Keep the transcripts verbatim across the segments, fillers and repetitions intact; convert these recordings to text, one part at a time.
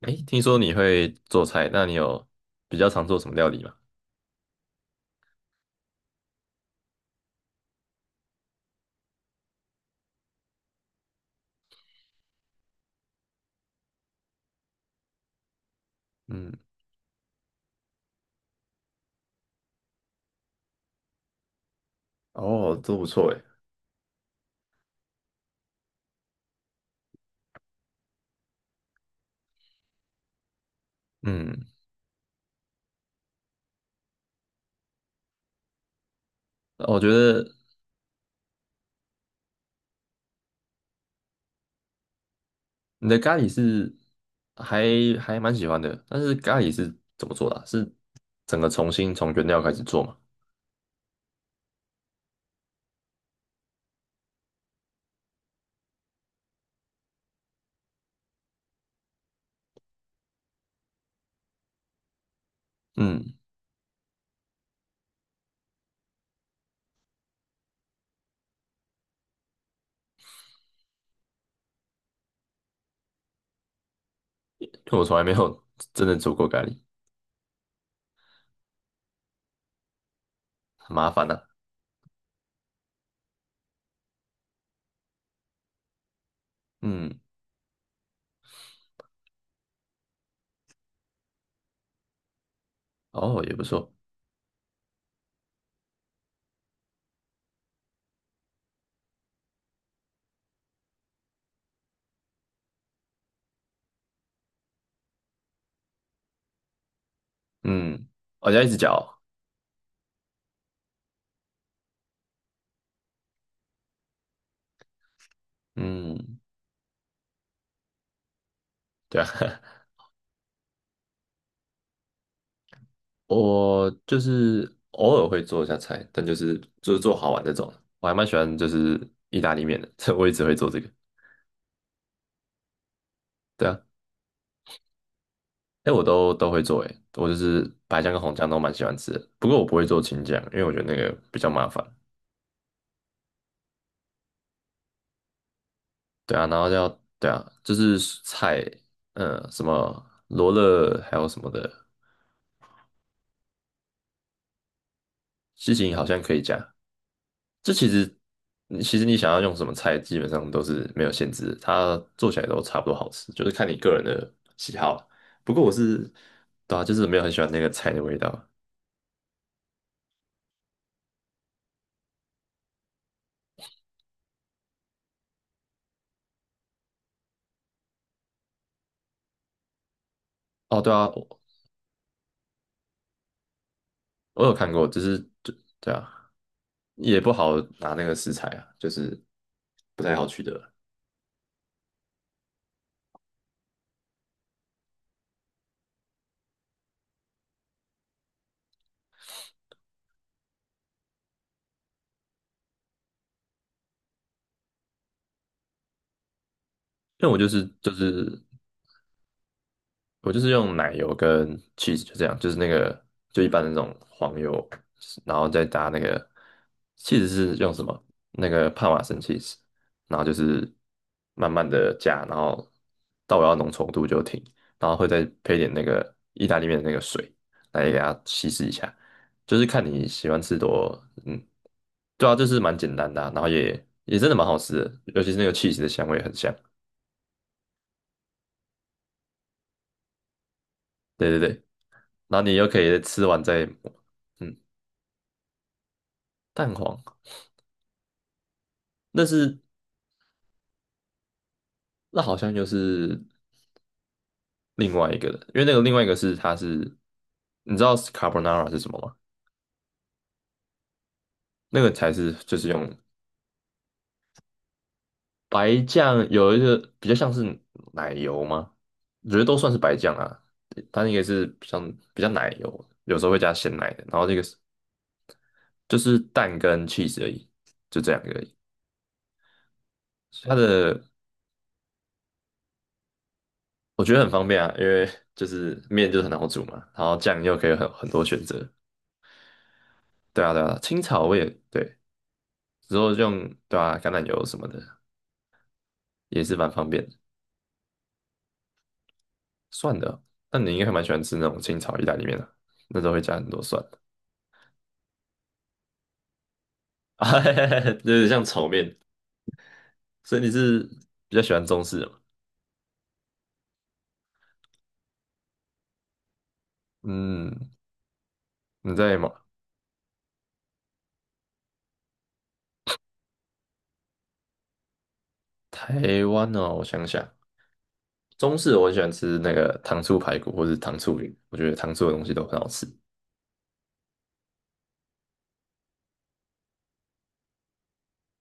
哎，听说你会做菜，那你有比较常做什么料理吗？嗯。哦，都不错诶。嗯，我觉得你的咖喱是还还蛮喜欢的，但是咖喱是怎么做的啊？是整个重新从原料开始做吗？嗯，因为我从来没有真的做过咖喱，很麻烦啊。嗯。哦，也不错。嗯，我、哦、要一直搅哦。嗯，对啊。我就是偶尔会做一下菜，但就是就是做好玩这种。我还蛮喜欢就是意大利面的，我一直会做这个。对啊，哎，我都都会做，哎，我就是白酱跟红酱都蛮喜欢吃的。不过我不会做青酱，因为我觉得那个比较麻烦。对啊，然后要对啊，就是蔬菜，嗯，什么罗勒还有什么的，西芹好像可以加。这其实，你其实你想要用什么菜，基本上都是没有限制的，它做起来都差不多好吃，就是看你个人的喜好了。不过我是，对啊，就是没有很喜欢那个菜的味道。哦，对啊，我我有看过，就是就对啊，也不好拿那个食材啊，就是不太好取得。因为我就是就是我就是用奶油跟 cheese，就这样，就是那个，就一般的那种黄油，然后再搭那个。 cheese 是用什么？那个帕玛森 cheese，然后就是慢慢的加，然后到我要浓稠度就停，然后会再配点那个意大利面的那个水来给它稀释一下，就是看你喜欢吃多，嗯，对啊，就是蛮简单的啊，然后也也真的蛮好吃的，尤其是那个 cheese 的香味很香，对对对，然后你又可以吃完再。嗯。蛋黄，那是。那好像又是另外一个的，因为那个另外一个是它是，你知道 carbonara 是什么吗？那个才是就是用白酱，有一个比较像是奶油吗？我觉得都算是白酱啊，它那个是比较比较奶油，有时候会加鲜奶的，然后这个是就是蛋跟 cheese 而已，就这两个而已。它的，我觉得很方便啊，因为就是面就是很好煮嘛，然后酱又可以很很多选择。对啊，对啊，青草我也对，之后就用对啊，橄榄油什么的也是蛮方便的。蒜的，那你应该还蛮喜欢吃那种清炒意大利面的，那时候会加很多蒜，啊，哈哈哈，有点像炒面。所以你是比较喜欢中式的吗？嗯，你在吗？台湾哦，我想想，中式我很喜欢吃那个糖醋排骨或是糖醋鱼，我觉得糖醋的东西都很好吃。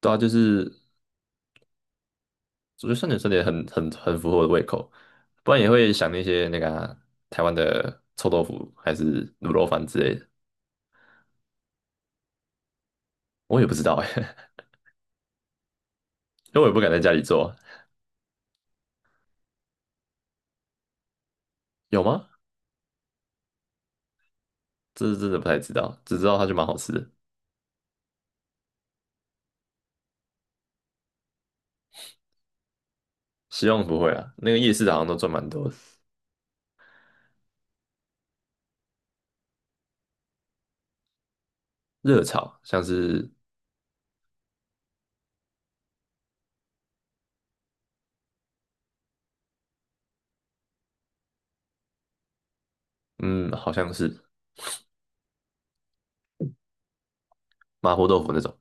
对啊，就是我觉得酸碱酸甜很很很符合我的胃口，不然也会想那些那个啊台湾的臭豆腐还是卤肉饭之类的。我也不知道哎，因为我也不敢在家里做，有吗？这是真的不太知道，只知道它就蛮好吃的。希望不会啊，那个夜市好像都赚蛮多的。热炒像是，嗯，好像是麻婆豆腐那种。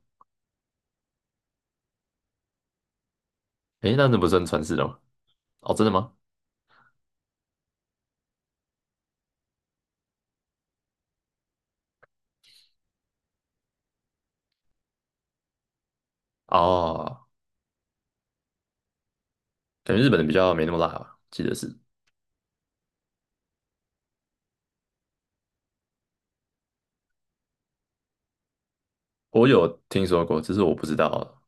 诶，那那不算川式的吗？哦，真的吗？哦，感觉日本的比较没那么辣吧，记得是。我有听说过，只是我不知道。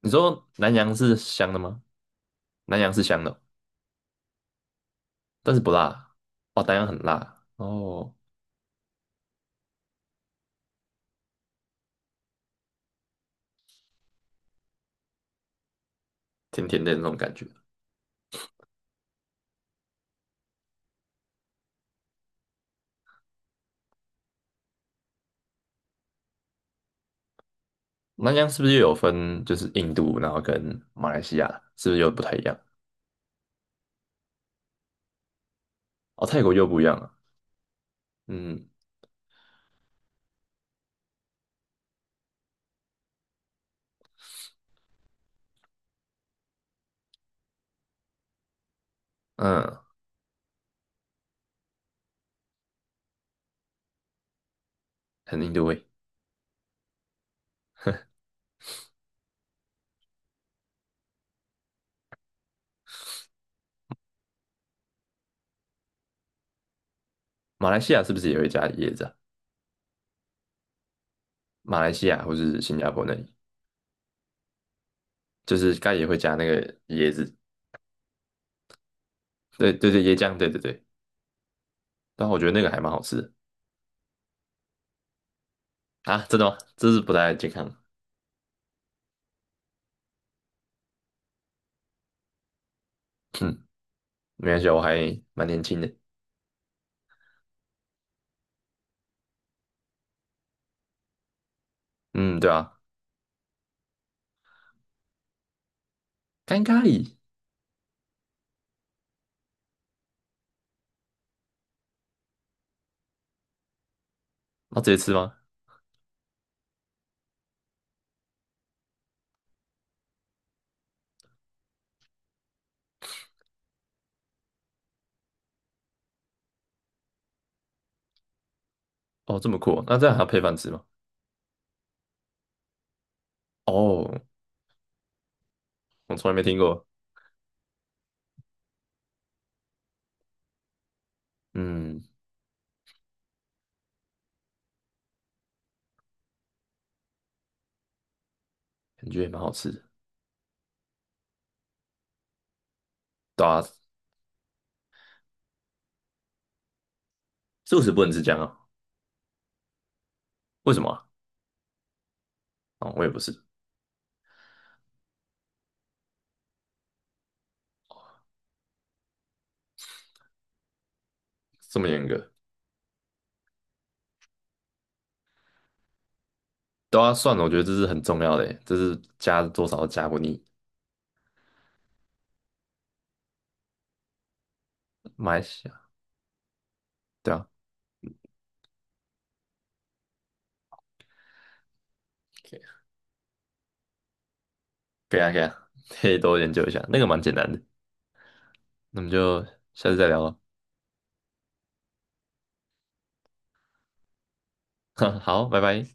你说南洋是香的吗？南洋是香的哦，但是不辣啊。哦，南洋很辣，哦，甜甜的那种感觉。南这样是不是又有分，就是印度，然后跟马来西亚，是不是又不太一样？哦，泰国又不一样了。嗯嗯，很印度味。马来西亚是不是也会加椰子啊？马来西亚或是新加坡那里，就是该也会加那个椰子。对对对，椰浆，对对对。但我觉得那个还蛮好吃的。啊，真的吗？这是不太健康。嗯，没关系啊，我还蛮年轻的。嗯，对啊，干咖喱，那直接吃吗？哦，这么酷哦，那这样还要配饭吃吗？哦，我从来没听过。嗯，感觉也蛮好吃的。对啊，素食不能吃姜啊？为什么啊？哦，我也不是这么严格，都要算了。我觉得这是很重要的耶，这是加多少加不腻。马来西亚，对啊，可以啊，可以啊，可以多研究一下，那个蛮简单的。那我们就下次再聊了，好，拜拜。